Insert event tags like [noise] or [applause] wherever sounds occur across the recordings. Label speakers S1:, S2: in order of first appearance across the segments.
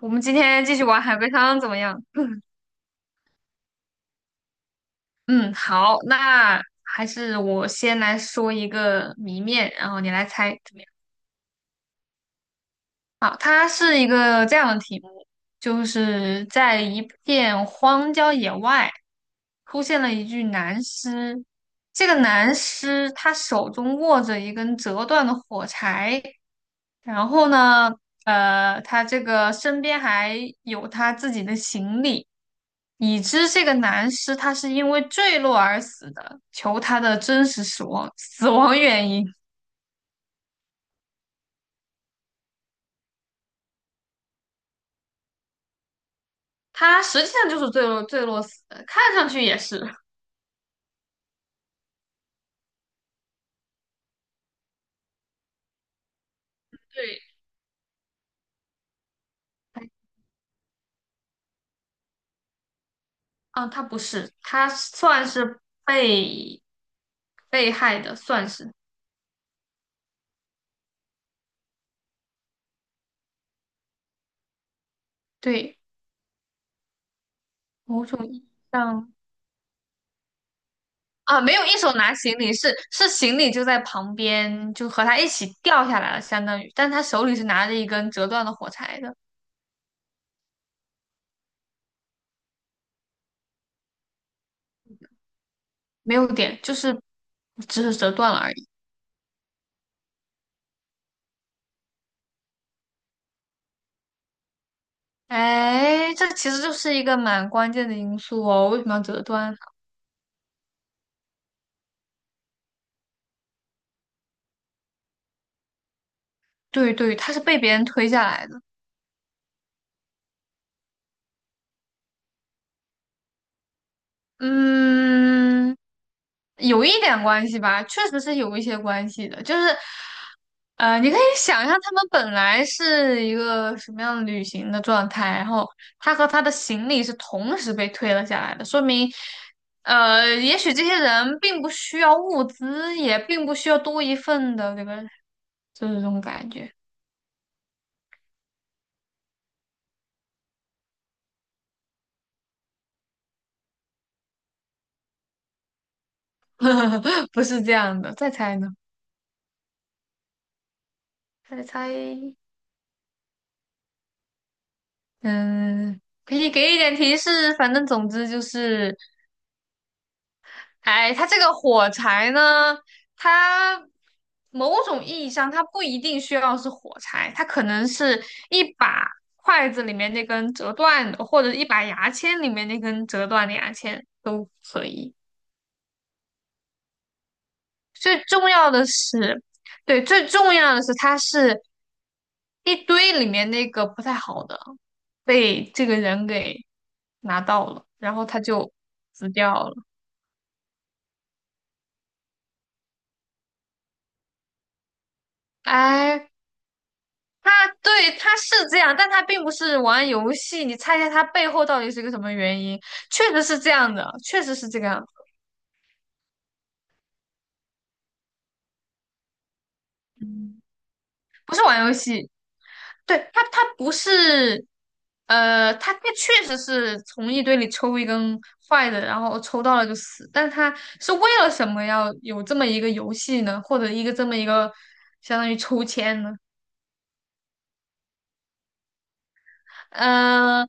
S1: 我们今天继续玩海龟汤怎么样？嗯，好，那还是我先来说一个谜面，然后你来猜怎么样？啊，它是一个这样的题目，就是在一片荒郊野外出现了一具男尸，这个男尸他手中握着一根折断的火柴，然后呢，他这个身边还有他自己的行李。已知这个男尸他是因为坠落而死的，求他的真实死亡原因。他实际上就是坠落死的，看上去也是。对，哎啊，他不是，他算是被害的，算是对某种意义上啊，没有一手拿行李，是行李就在旁边，就和他一起掉下来了，相当于，但他手里是拿着一个根折断的火柴的，没有点，就是只是折断了而已。哎，这其实就是一个蛮关键的因素哦。为什么要折断呢？对对，他是被别人推下来的。嗯，有一点关系吧，确实是有一些关系的。就是，你可以想象他们本来是一个什么样的旅行的状态，然后他和他的行李是同时被推了下来的，说明，也许这些人并不需要物资，也并不需要多一份的这个，就是这种感觉。[laughs] 不是这样的，再猜呢？再猜，嗯，可以给一点提示，反正总之就是，哎，它这个火柴呢，它某种意义上它不一定需要是火柴，它可能是一把筷子里面那根折断的，或者一把牙签里面那根折断的牙签都可以。最重要的是，对，最重要的是它是一堆里面那个不太好的。被这个人给拿到了，然后他就死掉了。哎，他对他是这样，但他并不是玩游戏。你猜一下他背后到底是个什么原因？确实是这样的，确实是这个样子，嗯，不是玩游戏。对他，他不是，他确实是从一堆里抽一根坏的，然后抽到了就死。但他是为了什么要有这么一个游戏呢？或者一个这么一个相当于抽签呢？嗯、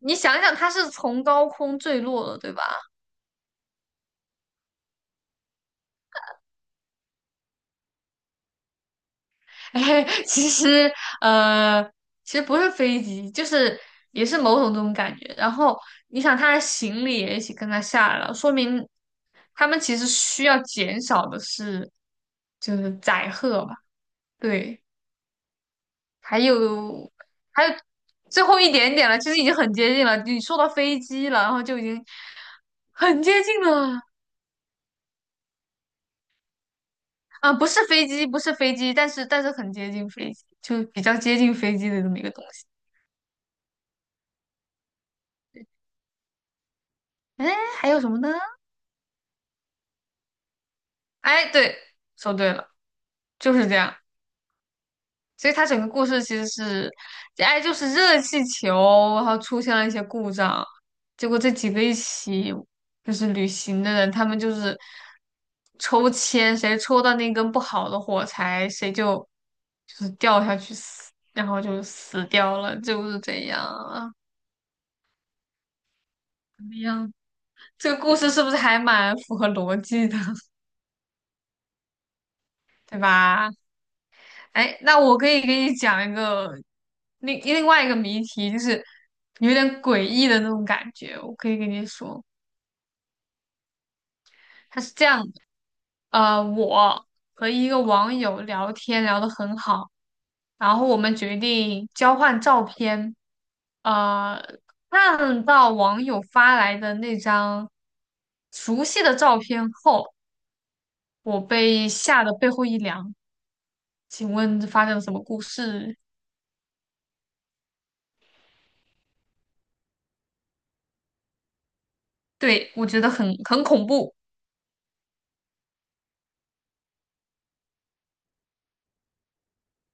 S1: 你想想，它是从高空坠落了，对吧？[laughs] 哎，其实，呃，其实不是飞机，就是也是某种这种感觉。然后你想，他的行李也一起跟他下来了，说明他们其实需要减少的是就是载荷吧？对，还有还有最后一点点了，其实已经很接近了。你说到飞机了，然后就已经很接近了。啊、不是飞机，不是飞机，但是很接近飞机，就比较接近飞机的这么一个东西。哎，还有什么呢？哎，对，说对了，就是这样。所以它整个故事其实是，哎，就是热气球，然后出现了一些故障，结果这几个一起就是旅行的人，他们就是抽签，谁抽到那根不好的火柴，谁就就是掉下去死，然后就死掉了，就是这样啊，怎么样？这个故事是不是还蛮符合逻辑的，[laughs] 对吧？哎，那我可以给你讲一个另外一个谜题，就是有点诡异的那种感觉。我可以跟你说，它是这样的，我和一个网友聊天聊得很好，然后我们决定交换照片，呃，看到网友发来的那张熟悉的照片后，我被吓得背后一凉。请问发生了什么故事？对，我觉得很恐怖。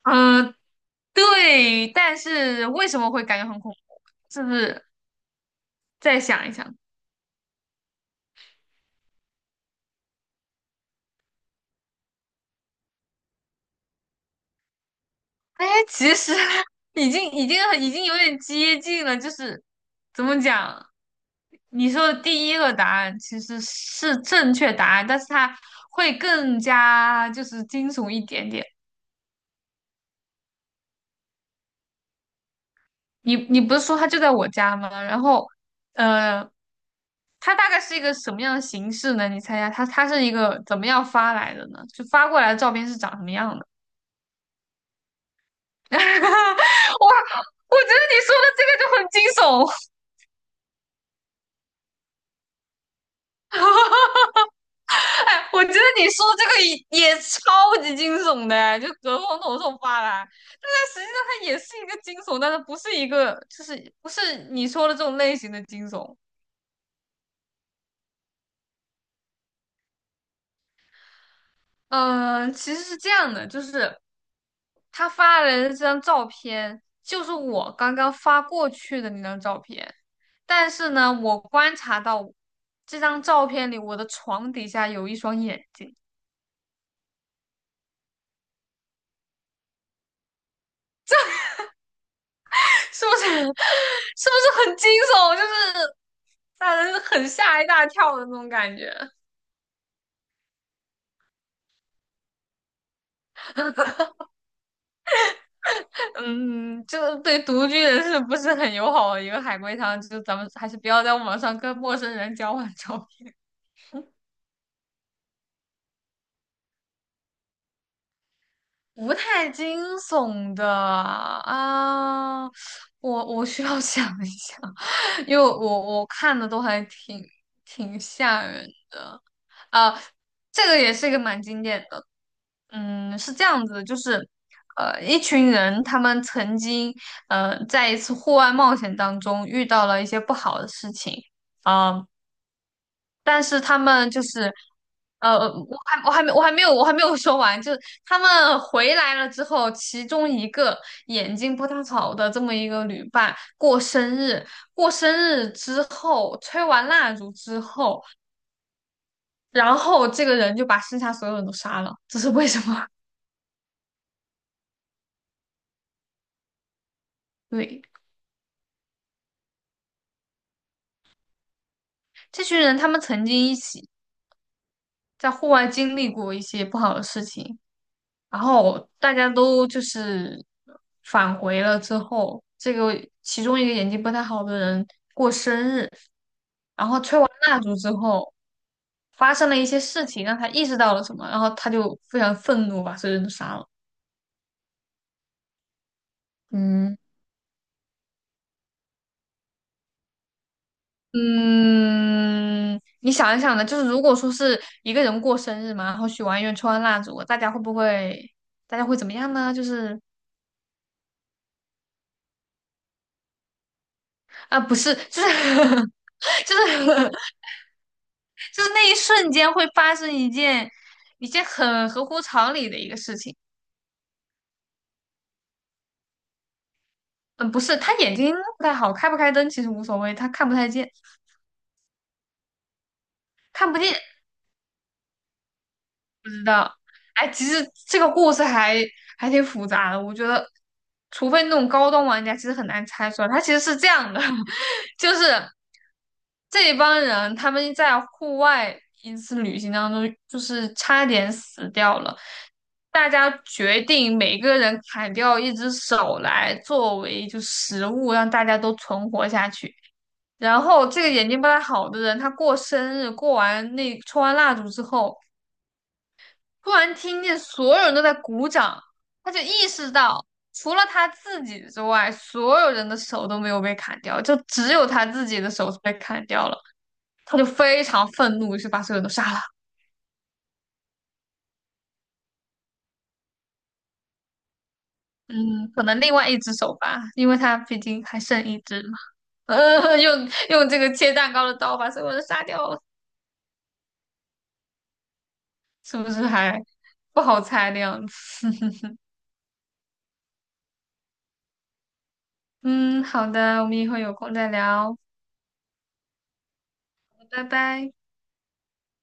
S1: 嗯、对，但是为什么会感觉很恐怖？是不是再想一想？哎，其实 [laughs] 已经有点接近了，就是怎么讲？你说的第一个答案其实是正确答案，但是它会更加就是惊悚一点点。你你不是说它就在我家吗？然后，呃。它大概是一个什么样的形式呢？你猜一下，它是一个怎么样发来的呢？就发过来的照片是长什么样的？[laughs] 哇，我觉得你说的这个就很惊悚，[laughs] 哎，我觉得你说的这个也超级惊悚的哎就隔空投送发来，但是实际上它也是一个惊悚，但是不是一个就是不是你说的这种类型的惊悚。嗯，其实是这样的，就是他发来的这张照片，就是我刚刚发过去的那张照片。但是呢，我观察到这张照片里，我的床底下有一双眼睛，[laughs] 是不是？[laughs] 是不是很惊悚？就是让人很吓一大跳的那种感觉。[laughs] 嗯，就是对独居人士不是很友好的一个海龟汤，就是咱们还是不要在网上跟陌生人交换照不太惊悚的啊，我需要 [laughs] 想一想，[laughs] 因为我看的都还挺挺吓人的啊。这个也是一个蛮经典的，嗯，是这样子的就是一群人他们曾经在一次户外冒险当中遇到了一些不好的事情啊，但是他们就是，我还没有说完，就是他们回来了之后，其中一个眼睛不太好的这么一个旅伴过生日，过生日之后吹完蜡烛之后，然后这个人就把剩下所有人都杀了，这是为什么？[laughs] 对，这群人他们曾经一起在户外经历过一些不好的事情，然后大家都就是返回了之后，这个其中一个眼睛不太好的人过生日，然后吹完蜡烛之后，发生了一些事情，让他意识到了什么，然后他就非常愤怒，把所有人都杀了。嗯，嗯，你想一想呢，就是如果说是一个人过生日嘛，然后许完愿、吹完蜡烛，大家会不会，大家会怎么样呢？就是啊，不是，就是 [laughs] 就是 [laughs] 就那一瞬间会发生一件一件很合乎常理的一个事情。嗯，不是，他眼睛不太好，开不开灯其实无所谓，他看不太见，看不见。不知道。哎，其实这个故事还还挺复杂的，我觉得，除非那种高端玩家，其实很难猜出来。他其实是这样的，[laughs] 就是这一帮人他们在户外一次旅行当中，就是差点死掉了。大家决定每个人砍掉一只手来作为就食物，让大家都存活下去。然后这个眼睛不太好的人，他过生日，过完那抽完蜡烛之后。突然听见所有人都在鼓掌，他就意识到，除了他自己之外，所有人的手都没有被砍掉，就只有他自己的手是被砍掉了。他就非常愤怒，于是把所有人都杀了。嗯，可能另外一只手吧，因为他毕竟还剩一只嘛。[laughs] 用这个切蛋糕的刀把所有人杀掉了，是不是还不好猜的样子？[laughs] 嗯，好的，我们以后有空再聊，拜拜。